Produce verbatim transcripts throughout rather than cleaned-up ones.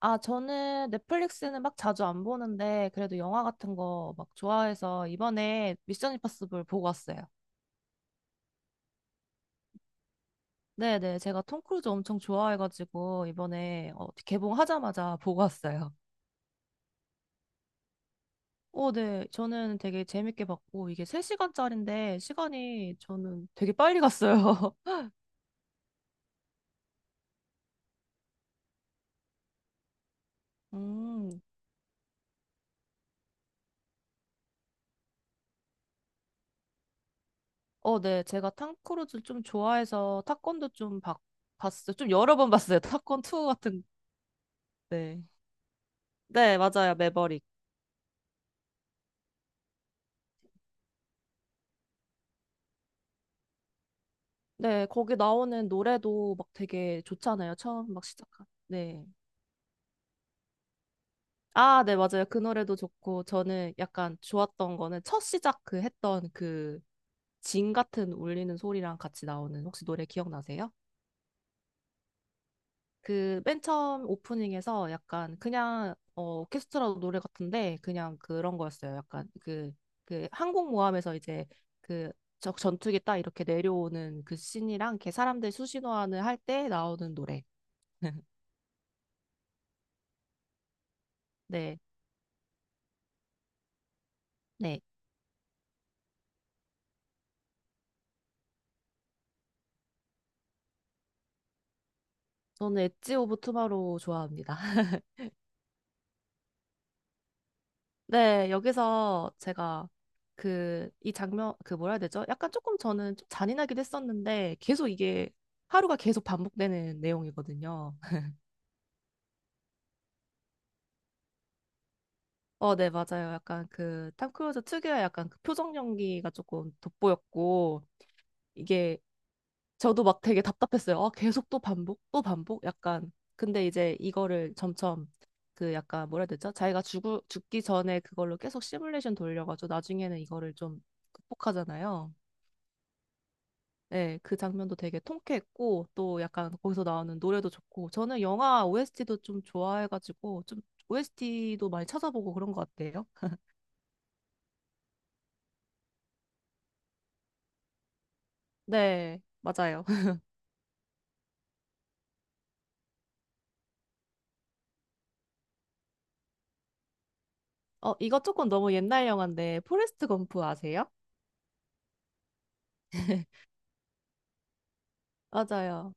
아, 저는 넷플릭스는 막 자주 안 보는데, 그래도 영화 같은 거 막 좋아해서 이번에 미션 임파서블 보고 왔어요. 네네, 제가 톰 크루즈 엄청 좋아해가지고, 이번에 어, 개봉하자마자 보고 왔어요. 오, 네. 저는 되게 재밌게 봤고, 이게 세 시간짜리인데, 시간이 저는 되게 빨리 갔어요. 음. 어, 네. 제가 톰 크루즈 좀 좋아해서 타건도 좀 봤, 봤어요. 좀 여러 번 봤어요. 타건 2 같은, 네. 네, 맞아요. 매버릭. 네, 거기 나오는 노래도 막 되게 좋잖아요. 처음 막 시작한. 네. 아, 네, 맞아요. 그 노래도 좋고, 저는 약간 좋았던 거는 첫 시작 그 했던 그 징 같은 울리는 소리랑 같이 나오는 혹시 노래 기억나세요? 그 맨 처음 오프닝에서 약간 그냥 어, 오케스트라 노래 같은데 그냥 그런 거였어요. 약간 그, 그 항공모함에서 이제 그 저 전투기 딱 이렇게 내려오는 그 씬이랑 이렇게 사람들 수신호하는 할 때 나오는 노래. 네. 네. 저는 엣지 오브 투마로우 좋아합니다. 네, 여기서 제가 그, 이 장면, 그 뭐라 해야 되죠? 약간 조금 저는 좀 잔인하기도 했었는데, 계속 이게 하루가 계속 반복되는 내용이거든요. 어, 네, 맞아요. 약간 그, 탐 크루즈 특유의 약간 그 표정 연기가 조금 돋보였고, 이게 저도 막 되게 답답했어요. 아, 계속 또 반복, 또 반복? 약간. 근데 이제 이거를 점점 그 약간 뭐라 해야 되죠? 자기가 죽을, 죽기 전에 그걸로 계속 시뮬레이션 돌려가지고 나중에는 이거를 좀 극복하잖아요. 네, 그 장면도 되게 통쾌했고 또 약간 거기서 나오는 노래도 좋고 저는 영화 오에스티도 좀 좋아해가지고 좀 오에스티도 많이 찾아보고 그런 것 같아요. 네, 맞아요. 어, 이거 조금 너무 옛날 영화인데 포레스트 검프 아세요? 맞아요.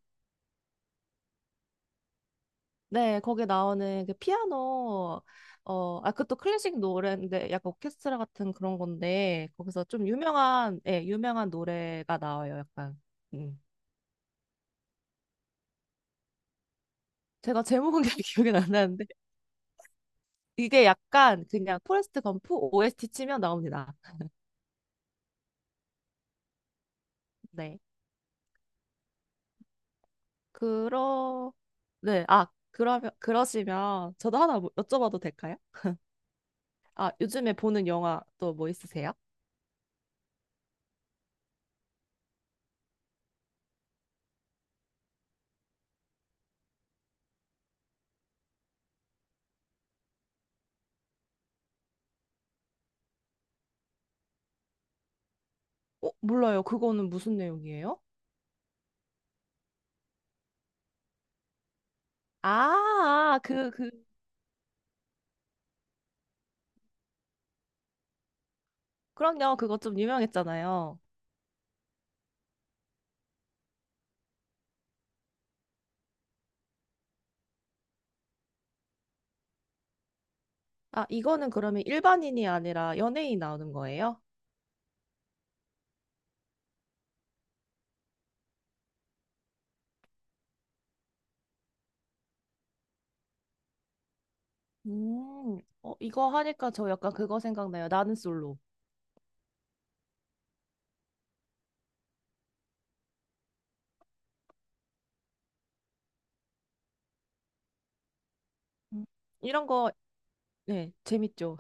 네, 거기 나오는 그 피아노, 어, 아, 그것도 클래식 노래인데 약간 오케스트라 같은 그런 건데 거기서 좀 유명한, 예, 유명한 노래가 나와요, 약간. 음. 제가 제목은 잘 기억이 안 나는데 이게 약간 그냥 포레스트 검프 오에스티 치면 나옵니다. 네, 그러, 네, 아, 그러면 그러시면 저도 하나 뭐- 여쭤봐도 될까요? 아, 요즘에 보는 영화 또 뭐 있으세요? 어, 몰라요. 그거는 무슨 내용이에요? 아, 그, 그, 그럼요. 그거 좀 유명했잖아요. 아, 이거는 그러면 일반인이 아니라 연예인 나오는 거예요? 음, 어, 이거 하니까 저 약간 그거 생각나요. 나는 솔로. 음, 이런 거, 네, 재밌죠.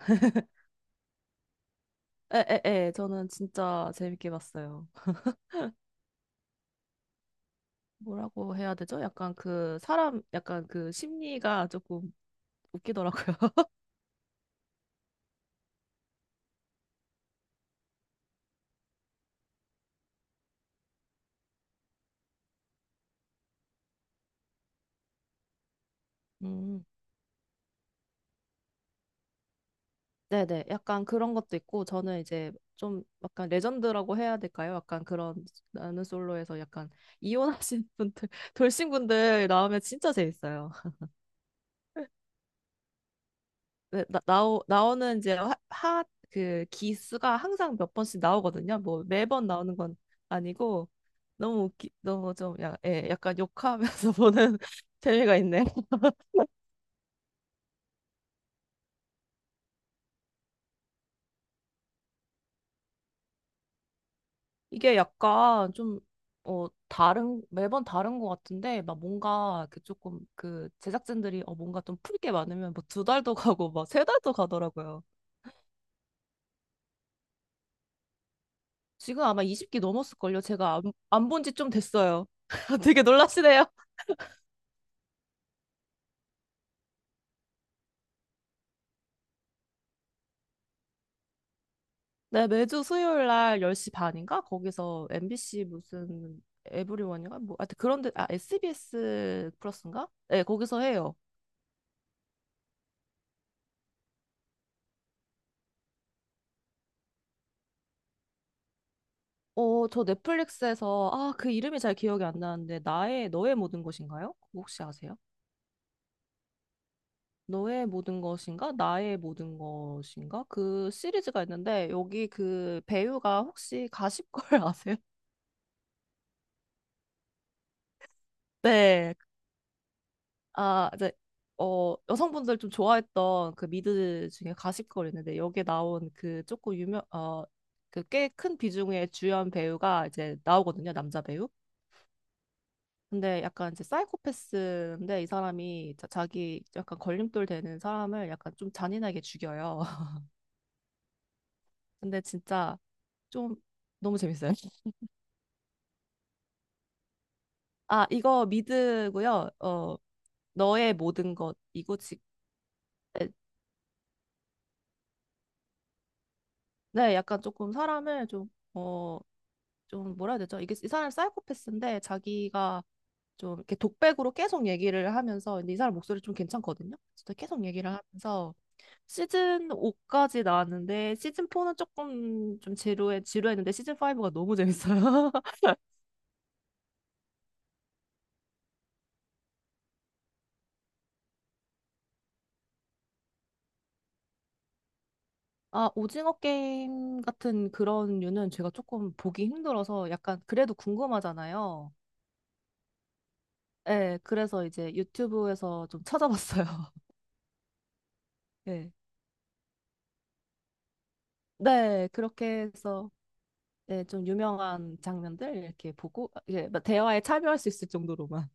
에에에 저는 진짜 재밌게 봤어요. 뭐라고 해야 되죠? 약간 그 사람 약간 그 심리가 조금 웃기더라고요. 음. 네네. 약간 그런 것도 있고 저는 이제 좀 약간 레전드라고 해야 될까요? 약간 그런 나는 솔로에서 약간 이혼하신 분들 돌싱 분들 나오면 진짜 재밌어요. 네, 나, 나오, 나오는 이제 하, 하, 그 기수가 항상 몇 번씩 나오거든요. 뭐 매번 나오는 건 아니고 너무 웃기, 너무 좀 야, 예, 약간 욕하면서 보는 재미가 있네요. 이게 약간 좀 어, 다른 매번 다른 것 같은데 막 뭔가 그 조금 그 제작진들이 어 뭔가 좀 풀게 많으면 뭐 두 달도 가고 막 세 달도 가더라고요. 지금 아마 이십 기 넘었을걸요. 제가 안, 안 본지 좀 됐어요. 되게 놀라시네요. 네, 매주 수요일 날 열 시 반인가? 거기서 엠비씨 무슨 에브리원인가? 뭐, 하여튼 그런데, 아, 에스비에스 플러스인가? 네, 거기서 해요. 어, 저 넷플릭스에서, 아, 그 이름이 잘 기억이 안 나는데, 나의, 너의 모든 것인가요? 그거 혹시 아세요? 너의 모든 것인가? 나의 모든 것인가? 그 시리즈가 있는데, 여기 그 배우가 혹시 가십걸 아세요? 네, 아, 이제 어, 여성분들 좀 좋아했던 그 미드 중에 가십걸 있는데 여기에 나온 그 조금 유명 어, 그 꽤 큰 비중의 주연 배우가 이제 나오거든요, 남자 배우. 근데 약간 이제 사이코패스인데 이 사람이 자, 자기 약간 걸림돌 되는 사람을 약간 좀 잔인하게 죽여요. 근데 진짜 좀 너무 재밌어요. 아, 이거 미드고요. 어, 너의 모든 것이고 지, 네, 네, 약간 조금 사람을 좀어 좀 뭐라 해야 되죠? 이게 이 사람 사이코패스인데 자기가 좀 이렇게 독백으로 계속 얘기를 하면서 근데 이 사람 목소리 좀 괜찮거든요. 진짜 계속 얘기를 하면서 시즌 오까지 나왔는데 시즌 사는 조금 좀 지루해 지루했는데 시즌 오가 너무 재밌어요. 아, 오징어 게임 같은 그런 류는 제가 조금 보기 힘들어서 약간 그래도 궁금하잖아요. 네, 그래서 이제 유튜브에서 좀 찾아봤어요. 네. 네, 그렇게 해서 네, 좀 유명한 장면들 이렇게 보고 이제 막 대화에 참여할 수 있을 정도로만.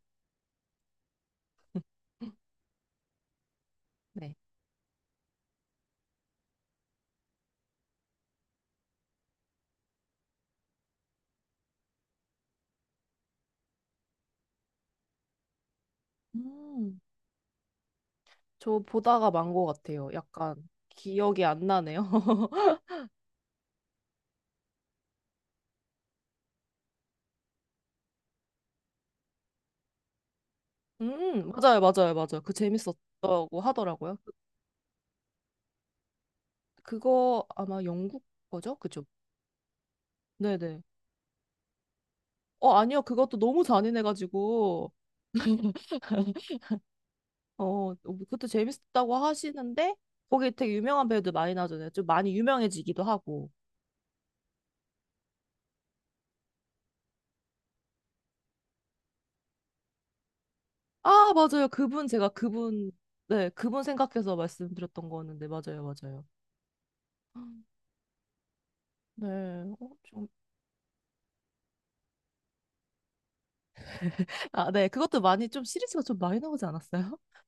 네. 음, 저 보다가 만 것 같아요. 약간 기억이 안 나네요. 음, 맞아요, 맞아요, 맞아요. 그 재밌었다고 하더라고요. 그- 그거 아마 영국 거죠? 그죠? 네네. 어, 아니요. 그것도 너무 잔인해가지고. 어, 뭐 그것도 재밌었다고 하시는데, 거기 되게 유명한 배우들 많이 나오잖아요. 좀 많이 유명해지기도 하고. 아, 맞아요. 그분, 제가 그분, 네, 그분 생각해서 말씀드렸던 거였는데, 맞아요, 맞아요. 네, 어, 좀, 아, 네, 그것도 많이 좀 시리즈가 좀 많이 나오지 않았어요?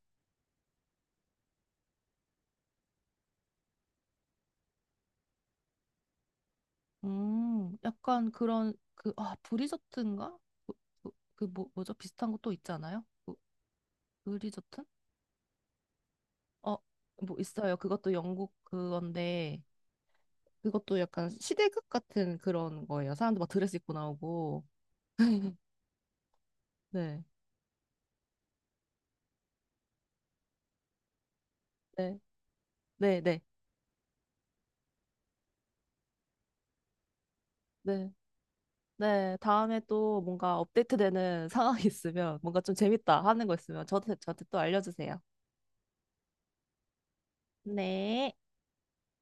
음, 약간 그런, 그, 아, 브리저튼가? 그, 그, 그 뭐, 뭐죠? 비슷한 거 또 있잖아요? 그, 브리저튼? 어, 뭐 있어요. 그것도 영국 그건데, 그것도 약간 시대극 같은 그런 거예요. 사람들 막 드레스 입고 나오고, 네, 네, 네, 네. 네. 네, 다음에 또 뭔가 업데이트되는 상황이 있으면 뭔가 좀 재밌다 하는 거 있으면 저한테, 저한테 또 알려주세요. 네.